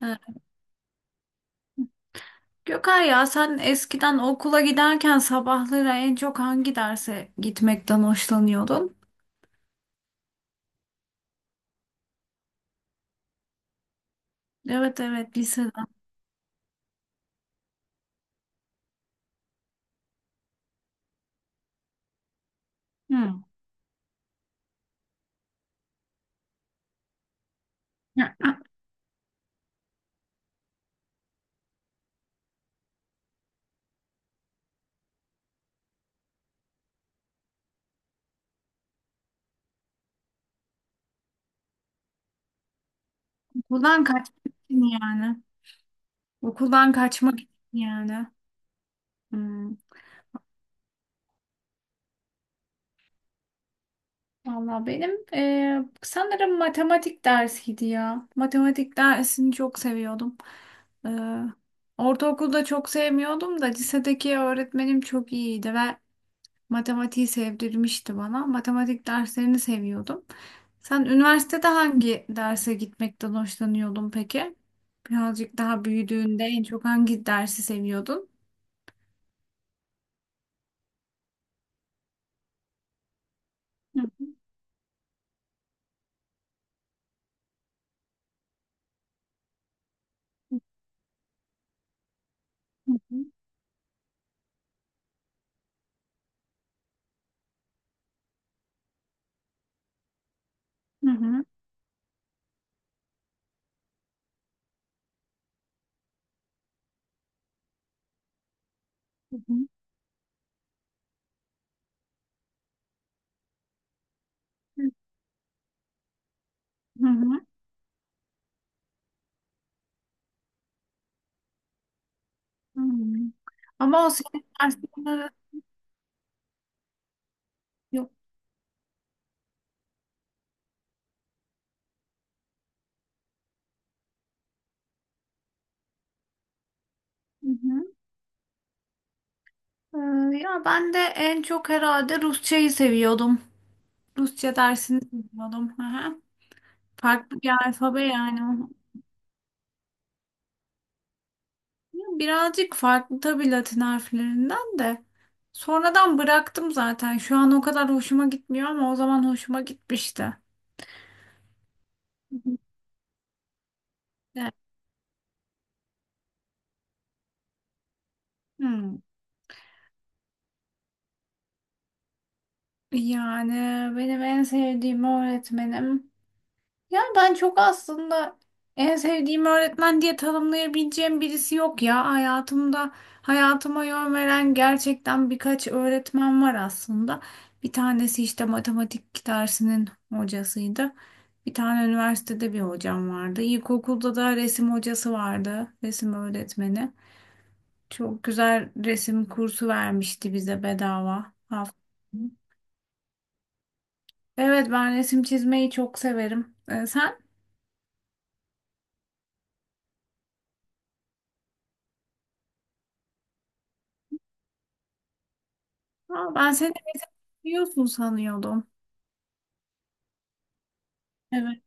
Ha, Gökay ya sen eskiden okula giderken sabahları en çok hangi derse gitmekten hoşlanıyordun? Evet, evet, liseden. Hı. Ya, okuldan kaçmak için yani. Okuldan kaçmak için yani. Hı. Valla benim sanırım matematik dersiydi ya. Matematik dersini çok seviyordum. Eee Ortaokulda çok sevmiyordum da lisedeki öğretmenim çok iyiydi ve matematiği sevdirmişti bana. Matematik derslerini seviyordum. Sen üniversitede hangi derse gitmekten hoşlanıyordun peki? Birazcık daha büyüdüğünde en çok hangi dersi seviyordun? Hı hı, hı hı, hı hı, hı hı, hı. Ama o senin derslerin yok. Hı hı. Ya ben de en çok herhalde Rusçayı seviyordum. Rusça dersini seviyordum. Hı hı. Farklı bir alfabe yani. Birazcık farklı tabii Latin harflerinden de. Sonradan bıraktım zaten. Şu an o kadar hoşuma gitmiyor ama o zaman hoşuma gitmişti. Evet. Hmm. Yani benim en sevdiğim öğretmenim. Yani ben çok aslında en sevdiğim öğretmen diye tanımlayabileceğim birisi yok ya. Hayatımda hayatıma yön veren gerçekten birkaç öğretmen var aslında. Bir tanesi işte matematik dersinin hocasıydı. Bir tane üniversitede bir hocam vardı. İlkokulda da resim hocası vardı, resim öğretmeni. Çok güzel resim kursu vermişti bize bedava. Hafta- Evet, ben resim çizmeyi çok severim. Sen... Ha, ben seni eğitim biliyorsun sanıyordum. Evet.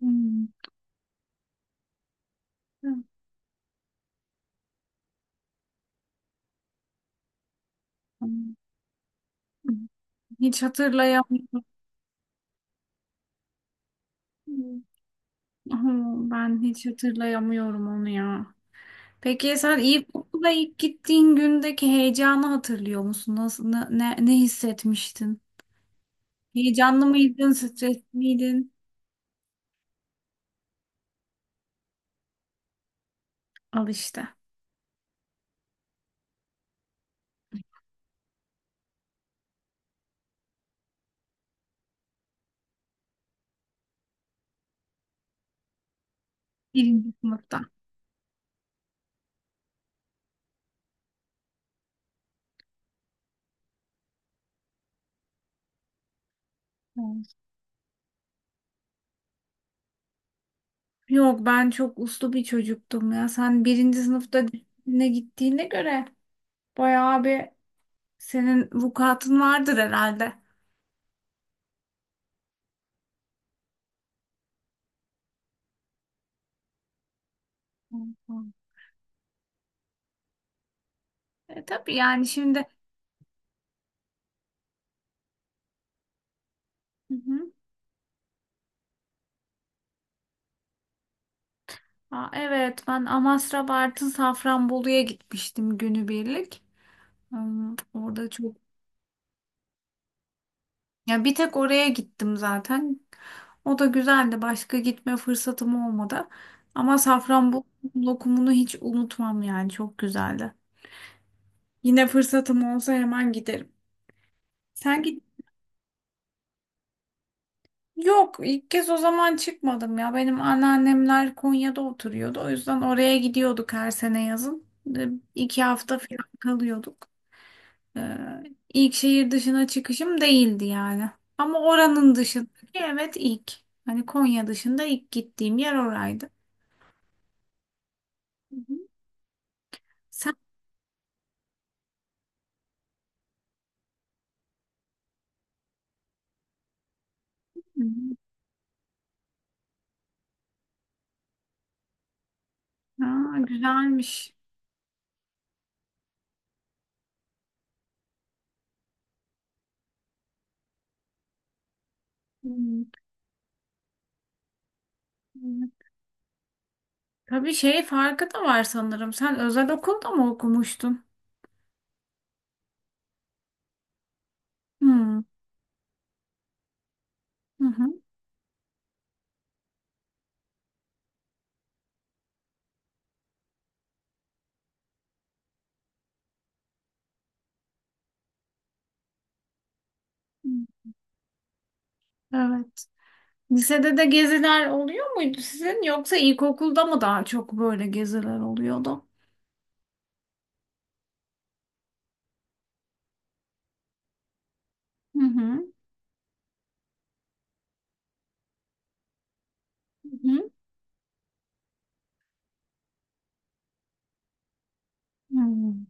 Hmm. Hmm. Hiç hatırlayamıyorum. Hmm. Ben hiç hatırlayamıyorum onu ya. Peki sen ilkokula ilk gittiğin gündeki heyecanı hatırlıyor musun? Nasıl, ne, ne, ne hissetmiştin? Heyecanlı mıydın, stresli miydin? Al işte. Birinci sınıfta. Evet. Yok, ben çok uslu bir çocuktum ya. Sen birinci sınıfta disipline gittiğine göre bayağı bir... Senin vukuatın vardır herhalde. Hı hı. E, tabii yani şimdi... Hı hı. Aa, evet, ben Amasra, Bartın, Safranbolu'ya gitmiştim günübirlik. Hmm, orada çok... Ya bir tek oraya gittim zaten. O da güzeldi. Başka gitme fırsatım olmadı. Ama Safranbolu lokumunu hiç unutmam yani çok güzeldi. Yine fırsatım olsa hemen giderim. Sen git... Yok, ilk kez o zaman çıkmadım ya. Benim anneannemler Konya'da oturuyordu. O yüzden oraya gidiyorduk her sene yazın. E, İki hafta falan kalıyorduk. E, ilk şehir dışına çıkışım değildi yani. Ama oranın dışındaki evet ilk. Hani Konya dışında ilk gittiğim yer oraydı. Hı hı. Sen... Aa, güzelmiş. Hmm. Tabii şey farkı da var sanırım. Sen özel okulda mı okumuştun? Hmm. Hı hı. Evet. Lisede de geziler oluyor muydu sizin yoksa ilkokulda mı daha çok böyle geziler oluyordu? Hı hı. Hı hı. Hmm.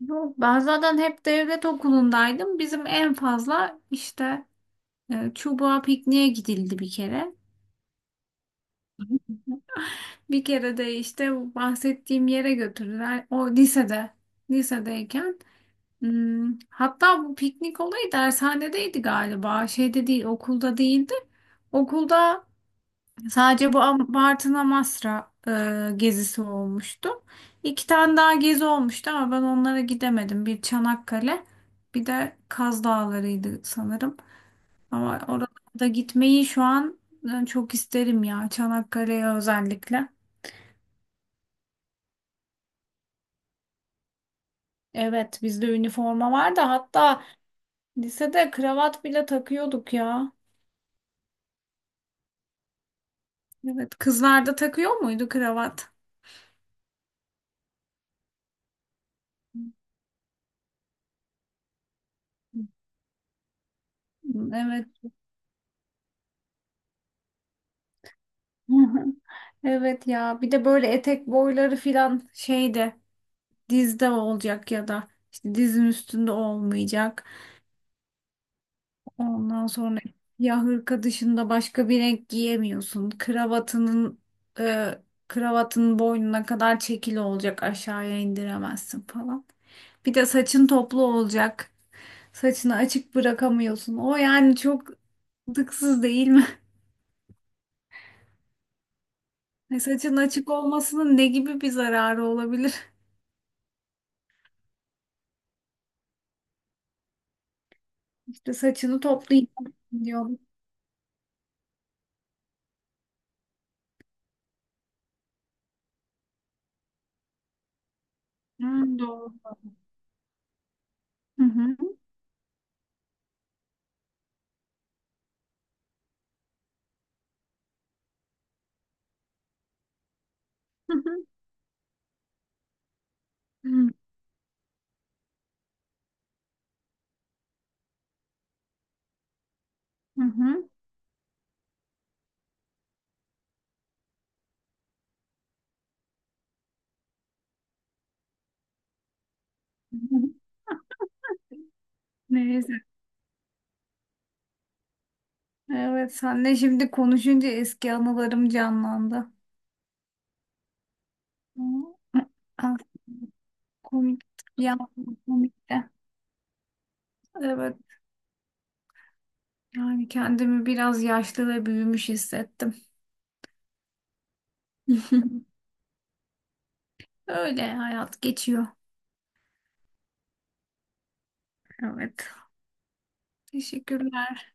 Yok, ben zaten hep devlet okulundaydım. Bizim en fazla işte çubuğa pikniğe gidildi bir kere. Bir kere de işte bu bahsettiğim yere götürdüler. O lisede, lisedeyken. Hmm, hatta bu piknik olayı dershanedeydi galiba. Şeyde değil, okulda değildi. Okulda sadece bu Am- Bartın Amasra gezisi olmuştu. İki tane daha gezi olmuştu ama ben onlara gidemedim. Bir Çanakkale, bir de Kaz Dağları'ydı sanırım. Ama oralarda gitmeyi şu an çok isterim ya, Çanakkale'ye özellikle. Evet, bizde üniforma vardı, hatta lisede kravat bile takıyorduk ya. Evet, kızlarda takıyor muydu kravat? Evet. Evet ya, bir de böyle etek boyları filan şeyde dizde olacak ya da işte dizin üstünde olmayacak. Ondan sonra ya hırka dışında başka bir renk giyemiyorsun. Kravatının e, kravatın boynuna kadar çekili olacak, aşağıya indiremezsin falan. Bir de saçın toplu olacak. Saçını açık bırakamıyorsun. O yani çok dıksız değil mi? Saçın açık olmasının ne gibi bir zararı olabilir? İşte saçını toplayacağım diyor. Hmm, doğru. Hı hı. Hı hı. Hı hı. Hı hı. Neyse. Evet, senle şimdi konuşunca eski anılarım canlandı. Hı. Ah, komik ya, komik de. Evet. Yani kendimi biraz yaşlı ve büyümüş hissettim. Öyle hayat geçiyor. Evet. Teşekkürler.